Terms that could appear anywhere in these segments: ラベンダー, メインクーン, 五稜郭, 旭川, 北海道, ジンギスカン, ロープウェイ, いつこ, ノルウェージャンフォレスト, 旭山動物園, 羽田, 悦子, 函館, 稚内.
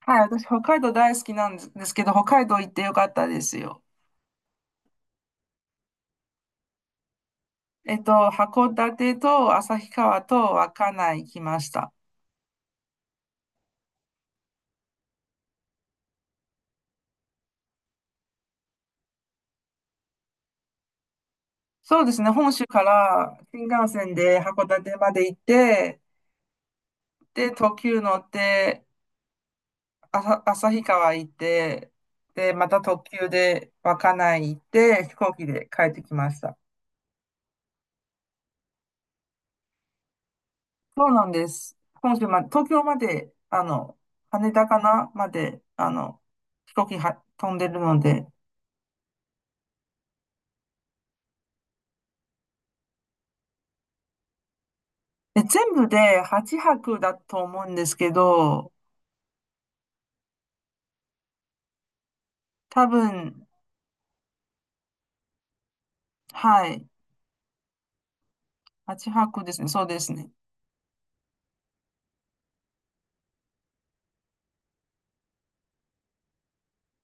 はい、私、北海道大好きなんですけど、北海道行ってよかったですよ。函館と旭川と稚内行きました。そうですね、本州から新幹線で函館まで行って、で、特急乗って、旭川行って、で、また特急で稚内行って、飛行機で帰ってきました。そうなんです。本州まで、東京まで、羽田かなまで、飛行機は飛んでるので、で全部で8泊だと思うんですけど、多分、はい、8泊ですね、そうですね。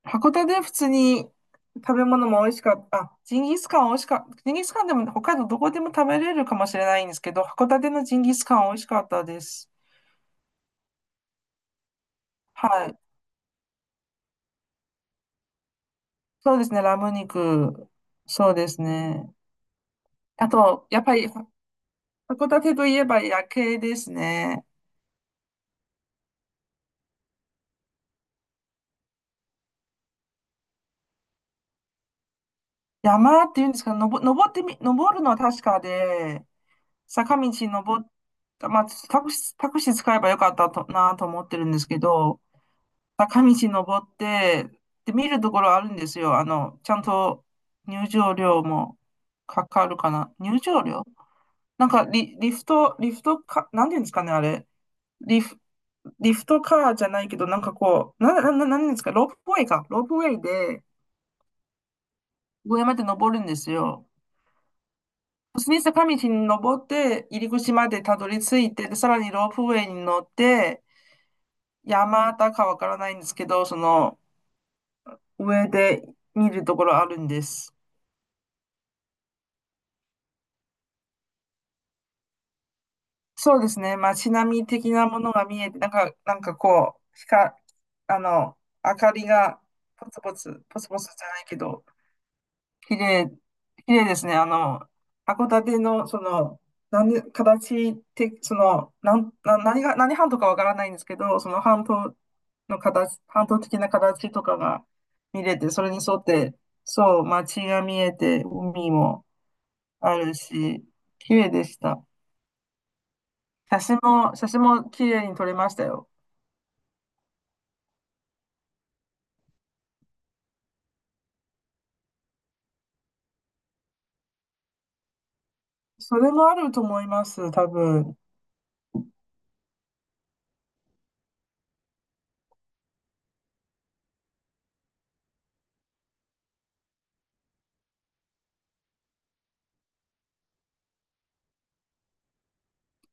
函館で普通に食べ物も美味しかった、あ、ジンギスカン美味しかった、ジンギスカンでも北海道どこでも食べれるかもしれないんですけど、函館のジンギスカン美味しかったです。はい、そうですね、ラム肉、そうですね。あと、やっぱり函館といえば夜景ですね。山っていうんですか、のぼ、登ってみ、登るのは確かで、坂道登った、まあ、タクシー使えばよかったとなと思ってるんですけど、坂道登って、で、見るところあるんですよ。あの、ちゃんと入場料もかかるかな。入場料、リフトか、なんていうんですかね、あれ。リフ、リフトカーじゃないけど、なんかこう、なんですか、ロープウェイか。ロープウェイで上まで登るんですよ。普通に坂道に登って、入り口までたどり着いて、でさらにロープウェイに乗って、山田かわからないんですけど、その上で見るところあるんです。そうですね。街並み的なものが見えて、なんか、なんかこう、光、あの、明かりがポツポツじゃないけど、綺麗、綺麗ですね。あの、函館の、その、何、形て、その、なん、な、何が、何半島かわからないんですけど、その半島の形、半島的な形とかが見れて、それに沿って、そう、街が見えて、海もあるし、綺麗でした。写真も綺麗に撮れましたよ。それもあると思います、多分。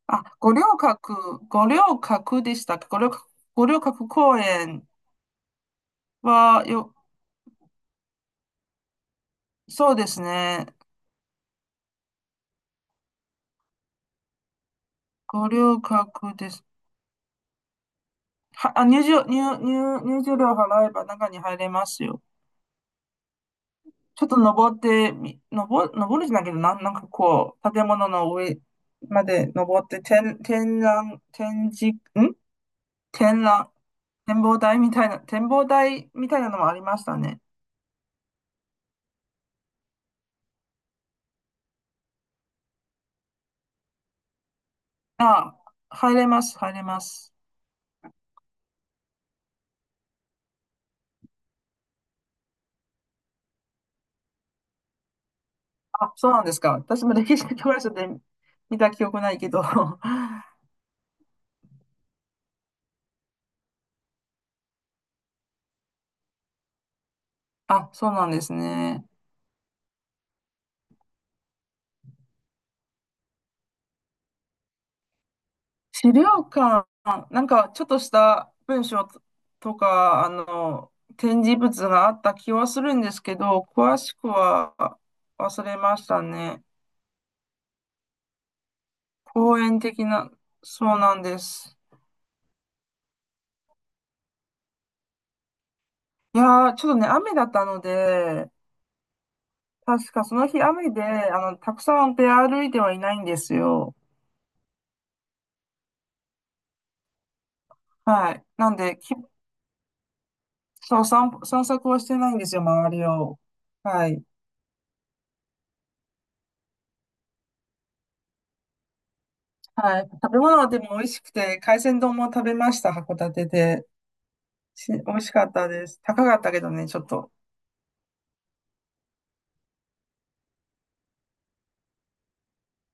あ、五稜郭でしたっけ、五稜郭公園はよ、そうですね。ご留学です。あ、入場料払えば中に入れますよ。ちょっと登ってみ、登、登るじゃないけど、なんかこう、建物の上まで登って、展覧、展望台みたいな、展望台みたいなのもありましたね。あ、入れます。あ、そうなんですか。私も歴史的教科書で見た記憶ないけど。あ、そうなんですね。資料館、なんかちょっとした文章ととか、あの、展示物があった気はするんですけど、詳しくは忘れましたね。公園的な、そうなんです。いやー、ちょっとね、雨だったので、確かその日雨で、あの、たくさん出歩いてはいないんですよ。はい。なんで、き、そう、散歩、散策はしてないんですよ、周りを。はい。はい。食べ物はでも美味しくて、海鮮丼も食べました、函館で。美味しかったです。高かったけどね、ちょっと。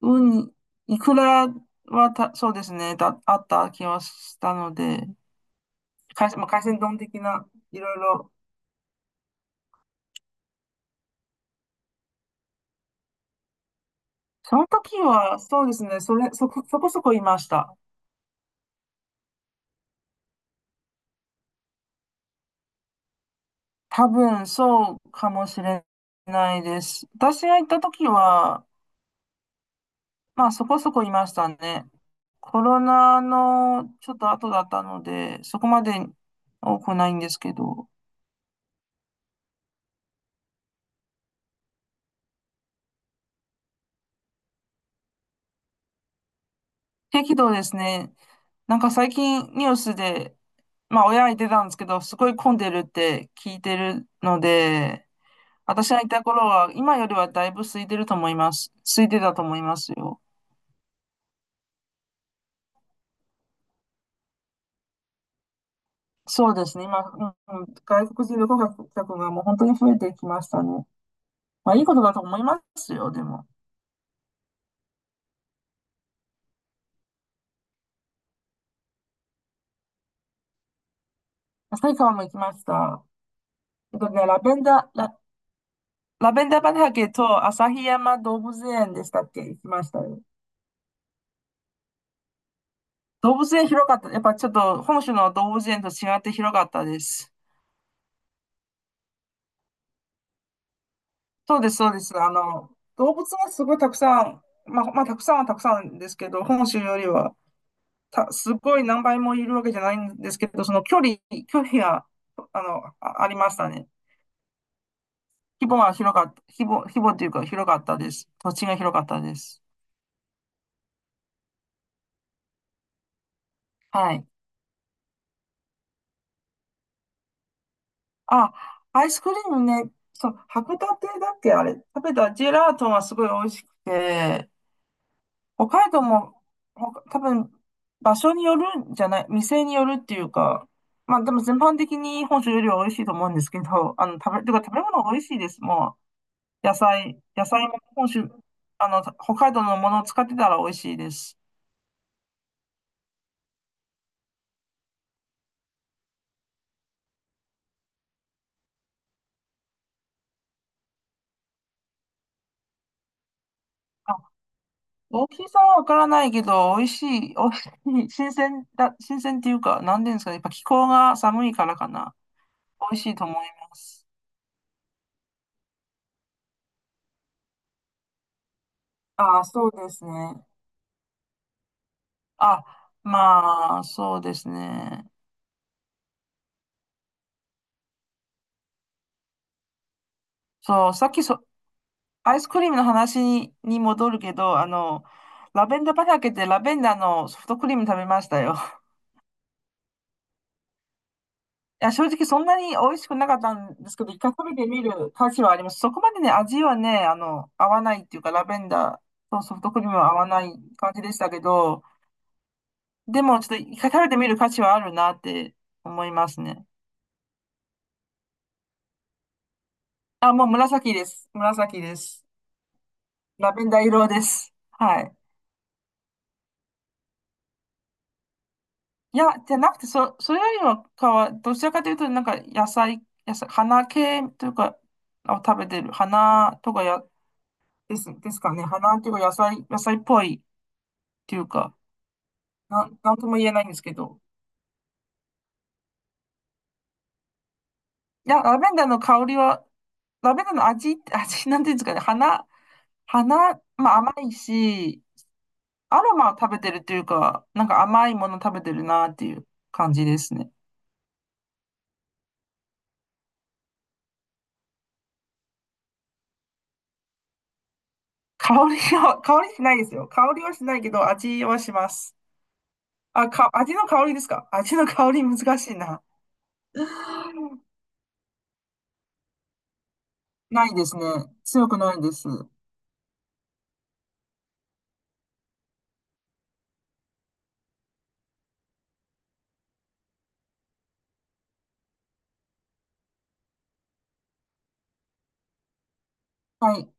ウニ、イクラはた、そうですね、だ、あった気はしたので、海鮮、まあ、海鮮丼的な、いろいろ。その時は、そうですね、そこそこいました。多分、そうかもしれないです。私が行った時は、まあ、そこそこいましたね。コロナのちょっと後だったので、そこまで多くないんですけど。適度ですね。なんか最近ニュースで、まあ親が言ってたんですけど、すごい混んでるって聞いてるので、私がいた頃は今よりはだいぶ空いてると思います。空いてたと思いますよ。そうですね。今、うん、外国人旅行客がもう本当に増えてきましたね。まあいいことだと思いますよ、でも。旭川も行きました。えっとね、ラベンダー畑と旭山動物園でしたっけ、行きましたよ。動物園広かった。やっぱちょっと本州の動物園と違って広かったです。そうです。あの、動物がすごいたくさん、まあ、たくさんはたくさんですけど、本州よりは、すごい何倍もいるわけじゃないんですけど、距離が、あ、ありましたね。規模というか広かったです。土地が広かったです。はい。あ、アイスクリームね、そう、函館だっけ、あれ、食べたジェラートがすごい美味しくて、北海道も、ほか多分、場所によるんじゃない、店によるっていうか、まあでも全般的に本州よりは美味しいと思うんですけど、あの、てか食べ物が美味しいです。もう、野菜も本州、あの、北海道のものを使ってたら美味しいです。あ、大きさはわからないけど、美味しい、新鮮っていうか、なんていうんですかね、やっぱ気候が寒いからかな。美味しいと思います。あ、そうですね。あ、まあ、そうですね。そう、さっきそ、アイスクリームの話に、に戻るけど、あの、ラベンダー畑でラベンダーのソフトクリーム食べましたよ。いや、正直そんなに美味しくなかったんですけど、一回食べてみる価値はあります。そこまでね、味はね、あの、合わないっていうか、ラベンダーとソフトクリームは合わない感じでしたけど、でもちょっと一回食べてみる価値はあるなって思いますね。あ、もう紫です。紫です。ラベンダー色です。はい。いや、じゃなくて、それよりもかは、どちらかというと、なんか野菜、野菜、花系というか、を食べてる。花とかや、ですかね。花というか、野菜っぽいっていうか、なんとも言えないんですけど。いや、ラベンダーの香りは、ラベンダーの味、なんていうんですかね。花、まあ甘いし、アロマを食べてるというか、なんか甘いもの食べてるなっていう感じですね。香りは、香りしないですよ。香りはしないけど、味はします。味の香りですか、味の香り難しいな。ないですね。強くないです。はい。